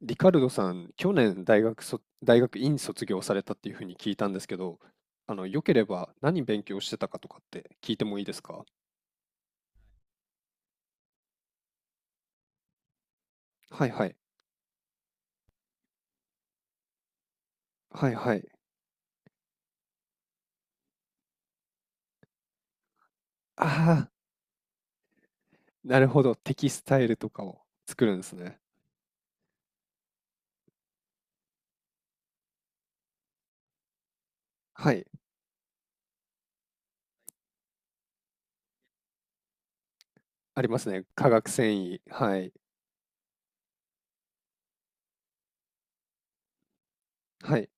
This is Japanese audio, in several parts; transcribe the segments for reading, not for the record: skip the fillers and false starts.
リカルドさん、去年大学大学院卒業されたっていうふうに聞いたんですけど、よければ何勉強してたかとかって聞いてもいいですか？はいはい。はいはい。ああ、なるほど。テキスタイルとかを作るんですね。はい。ありますね。化学繊維。はい。はい。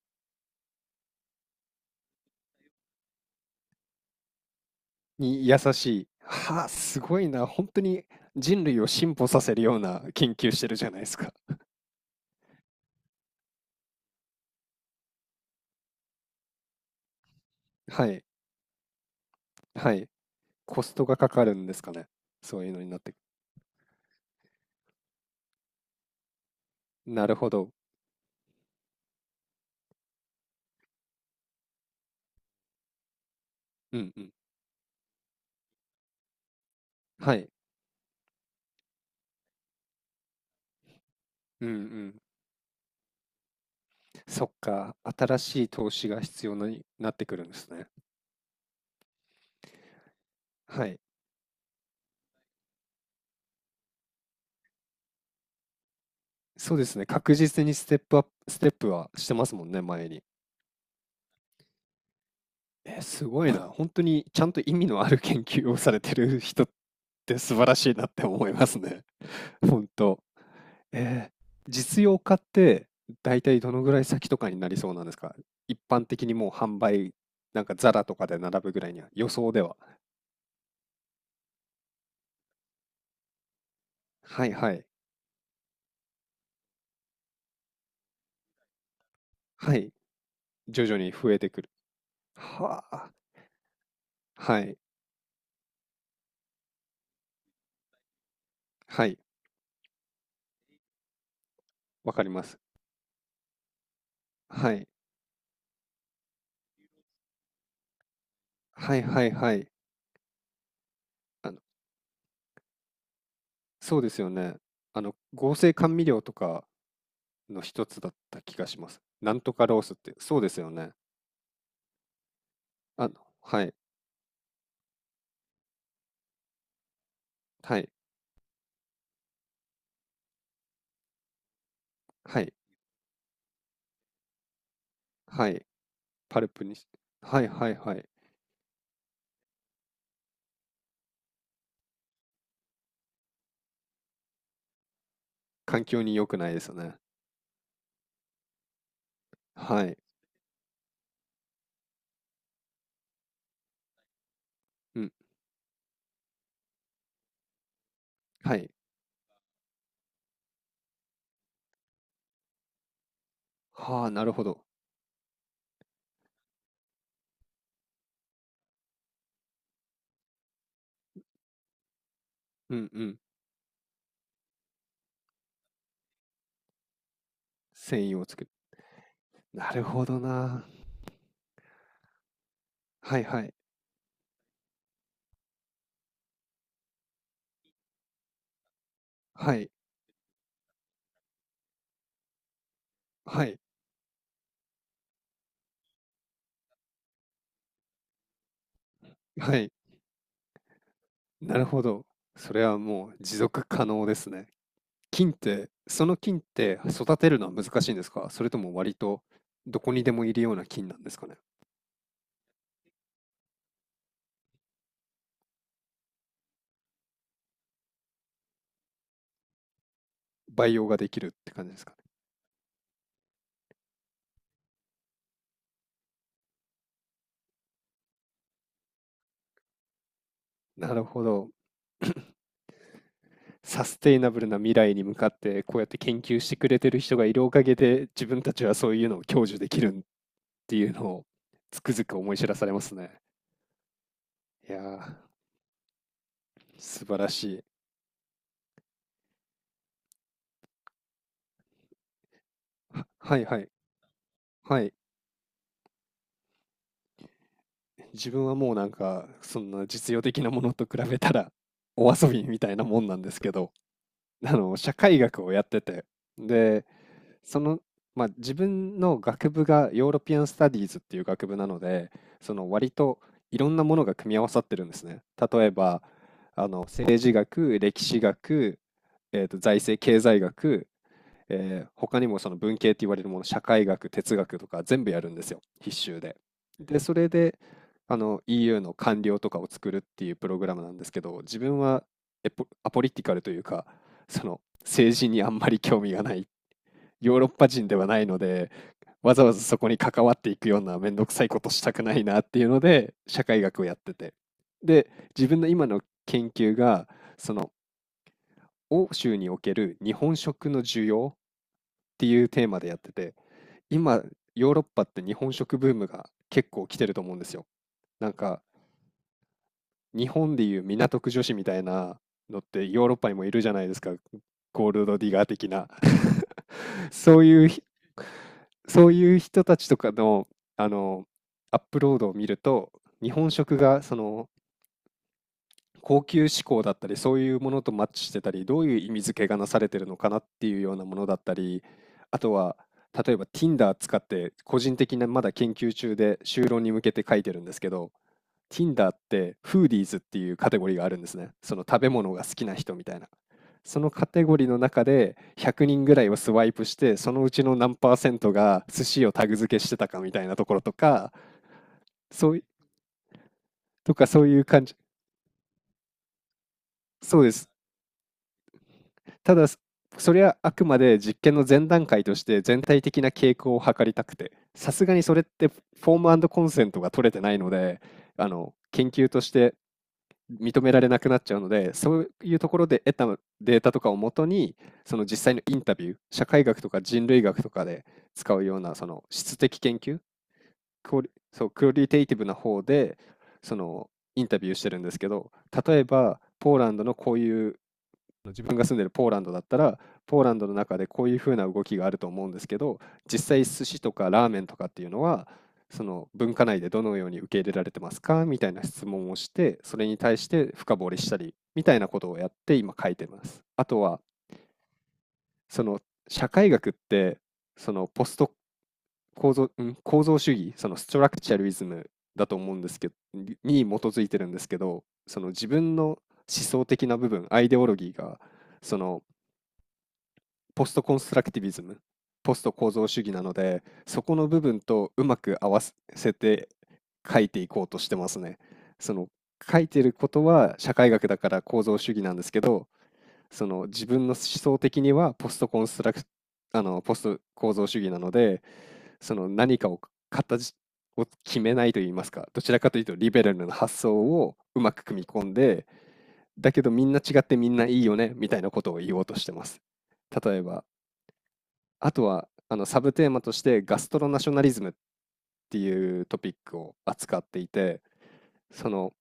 に優しい。はあ、すごいな。本当に人類を進歩させるような研究してるじゃないですか。はい。はい。コストがかかるんですかね。そういうのになって。なるほど。うんうん。はい。うんうん。そっか、新しい投資が必要になってくるんですね。はい。そうですね。確実にステップアップ、ステップはしてますもんね、前に。すごいな。本当にちゃんと意味のある研究をされてる人って素晴らしいなって思いますね。本当。えー、実用化って大体どのぐらい先とかになりそうなんですか？一般的にもう販売、なんかザラとかで並ぶぐらいには、予想では。はいはい。はい。徐々に増えてくる。はあ。はい。はい、わかります。はい。はいはいはい。あの、そうですよね。合成甘味料とかの一つだった気がします。なんとかロースって、そうですよね。あの、はい、はい、はい、はい。パルプにし、はいはいはい。環境に良くないですよね。はい。うん、はい。はあ、なるほど。うんうん。繊維を作る。なるほどな。はいはい。はい。はい。はい。なるほど。それはもう持続可能ですね。菌って、その菌って育てるのは難しいんですか？それとも割とどこにでもいるような菌なんですかね？培養ができるって感じですかね？なるほど。サステイナブルな未来に向かって、こうやって研究してくれてる人がいるおかげで、自分たちはそういうのを享受できるっていうのをつくづく思い知らされますね。いやー、素晴らしい。はいはい。はい。自分はもうなんか、そんな実用的なものと比べたら、お遊びみたいなもんなんですけど。社会学をやってて、でその、まあ、自分の学部がヨーロピアン・スタディーズっていう学部なので、その割といろんなものが組み合わさってるんですね。例えば政治学、歴史学、財政経済学、他にもその文系って言われるもの、社会学、哲学とか全部やるんですよ、必修で。で、それで、EU の官僚とかを作るっていうプログラムなんですけど、自分はエポアポリティカルというか、その政治にあんまり興味がない、ヨーロッパ人ではないので、わざわざそこに関わっていくようなめんどくさいことしたくないなっていうので、社会学をやってて。で、自分の今の研究が、その欧州における日本食の需要っていうテーマでやってて、今、ヨーロッパって日本食ブームが結構来てると思うんですよ。なんか、日本でいう港区女子みたいなのってヨーロッパにもいるじゃないですか。ゴールドディガー的な。 そういうひ、そういう人たちとかの、あの、アップロードを見ると、日本食がその高級志向だったりそういうものとマッチしてたり、どういう意味付けがなされてるのかなっていうようなものだったり、あとは例えば Tinder 使って、個人的なまだ研究中で修論に向けて書いてるんですけど、 Tinder ってフーディーズっていうカテゴリーがあるんですね。その食べ物が好きな人みたいな、そのカテゴリーの中で100人ぐらいをスワイプして、そのうちの何パーセントが寿司をタグ付けしてたかみたいなところとか、そういとか、そういう感じ、そうです。ただ、それはあくまで実験の前段階として全体的な傾向を測りたくて、さすがにそれってフォームコンセントが取れてないので、あの研究として認められなくなっちゃうので、そういうところで得たデータとかをもとに、その実際のインタビュー、社会学とか人類学とかで使うようなその質的研究、クオリそうクオリテイティブな方でそのインタビューしてるんですけど、例えばポーランドのこういう、自分が住んでるポーランドだったら、ポーランドの中でこういうふうな動きがあると思うんですけど、実際寿司とかラーメンとかっていうのは、その文化内でどのように受け入れられてますかみたいな質問をして、それに対して深掘りしたり、みたいなことをやって今書いてます。あとは、その社会学って、そのポスト構造、構造主義、そのストラクチャリズムだと思うんですけど、に基づいてるんですけど、その自分の思想的な部分、アイデオロギーが、そのポストコンストラクティビズム、ポスト構造主義なので、そこの部分とうまく合わせて書いていこうとしてますね。その書いてることは社会学だから構造主義なんですけど、その自分の思想的にはポストコンストラク、ポスト構造主義なので、その何かを形を決めないといいますか、どちらかというとリベラルな発想をうまく組み込んで、だけどみんな違ってみんないいよねみたいなことを言おうとしてます。例えばあとは、サブテーマとしてガストロナショナリズムっていうトピックを扱っていて、その、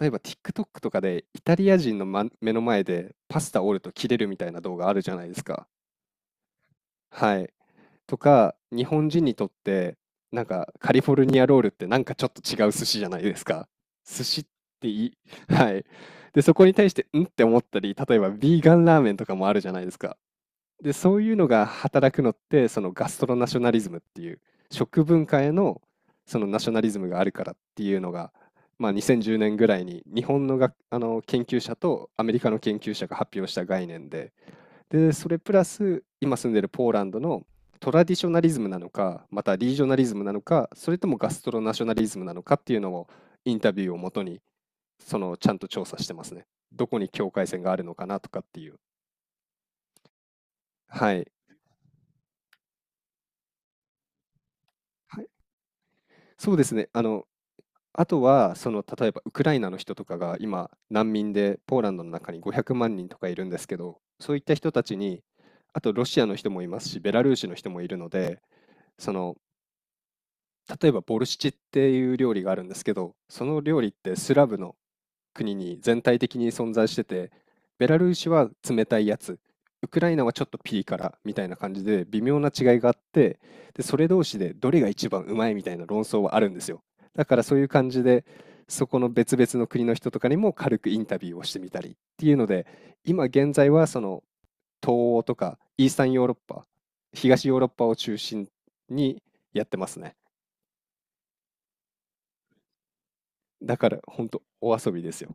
例えば TikTok とかでイタリア人の、ま、目の前でパスタ折ると切れるみたいな動画あるじゃないですか。はい。とか、日本人にとって、なんかカリフォルニアロールってなんかちょっと違う寿司じゃないですか。寿司っていい。はい。で、そこに対して、んって思ったり、例えばビーガンラーメンとかもあるじゃないですか。で、そういうのが働くのって、そのガストロナショナリズムっていう、食文化へのそのナショナリズムがあるからっていうのが、まあ、2010年ぐらいに日本のがあの研究者とアメリカの研究者が発表した概念で、で、それプラス今住んでるポーランドのトラディショナリズムなのか、またリージョナリズムなのか、それともガストロナショナリズムなのかっていうのを、インタビューをもとにそのちゃんと調査してますね。どこに境界線があるのかなとかっていう。はい。はい、そうですね。あとは、その、例えばウクライナの人とかが今、難民でポーランドの中に500万人とかいるんですけど、そういった人たちに、あとロシアの人もいますし、ベラルーシの人もいるので、その、例えばボルシチっていう料理があるんですけど、その料理ってスラブの国に全体的に存在してて、ベラルーシは冷たいやつ、ウクライナはちょっとピリ辛みたいな感じで微妙な違いがあって、で、それ同士でどれが一番うまいみたいな論争はあるんですよ。だからそういう感じで、そこの別々の国の人とかにも軽くインタビューをしてみたりっていうので、今現在はその東欧とかイースタンヨーロッパ、東ヨーロッパを中心にやってますね。だから本当お遊びですよ。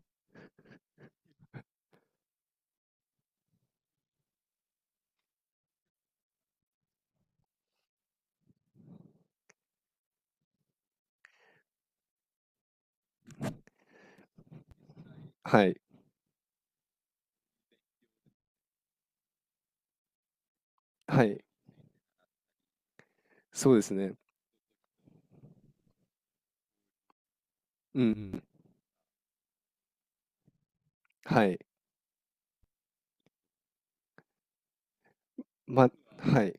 はい。はい。そうですね。うんうん。はい。まはい。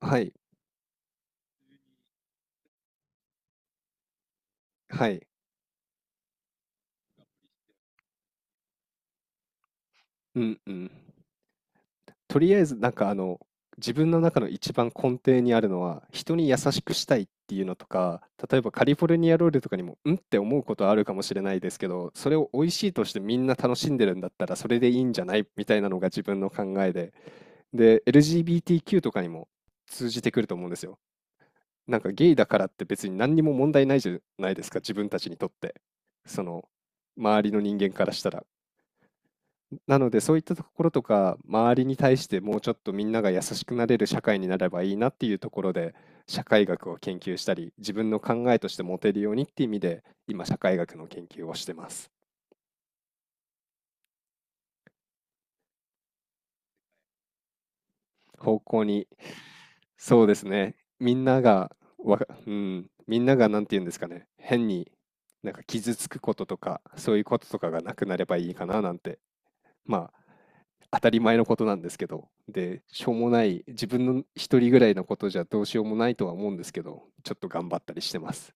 はい。はい。うんうん。とりあえず、なんかあの、自分の中の一番根底にあるのは、人に優しくしたいっていうのとか、例えばカリフォルニアロールとかにも、うん？って思うことはあるかもしれないですけど、それを美味しいとしてみんな楽しんでるんだったら、それでいいんじゃない？みたいなのが自分の考えで。で、LGBTQ とかにも通じてくると思うんですよ。なんかゲイだからって別に何にも問題ないじゃないですか、自分たちにとって。その、周りの人間からしたら。なので、そういったところとか、周りに対してもうちょっとみんなが優しくなれる社会になればいいなっていうところで、社会学を研究したり、自分の考えとして持てるようにっていう意味で、今社会学の研究をしてます。方向に、そうですね。みんながうん、みんながなんて言うんですかね、変になんか傷つくこととか、そういうこととかがなくなればいいかななんて、まあ、当たり前のことなんですけど、で、しょうもない、自分の一人ぐらいのことじゃどうしようもないとは思うんですけど、ちょっと頑張ったりしてます。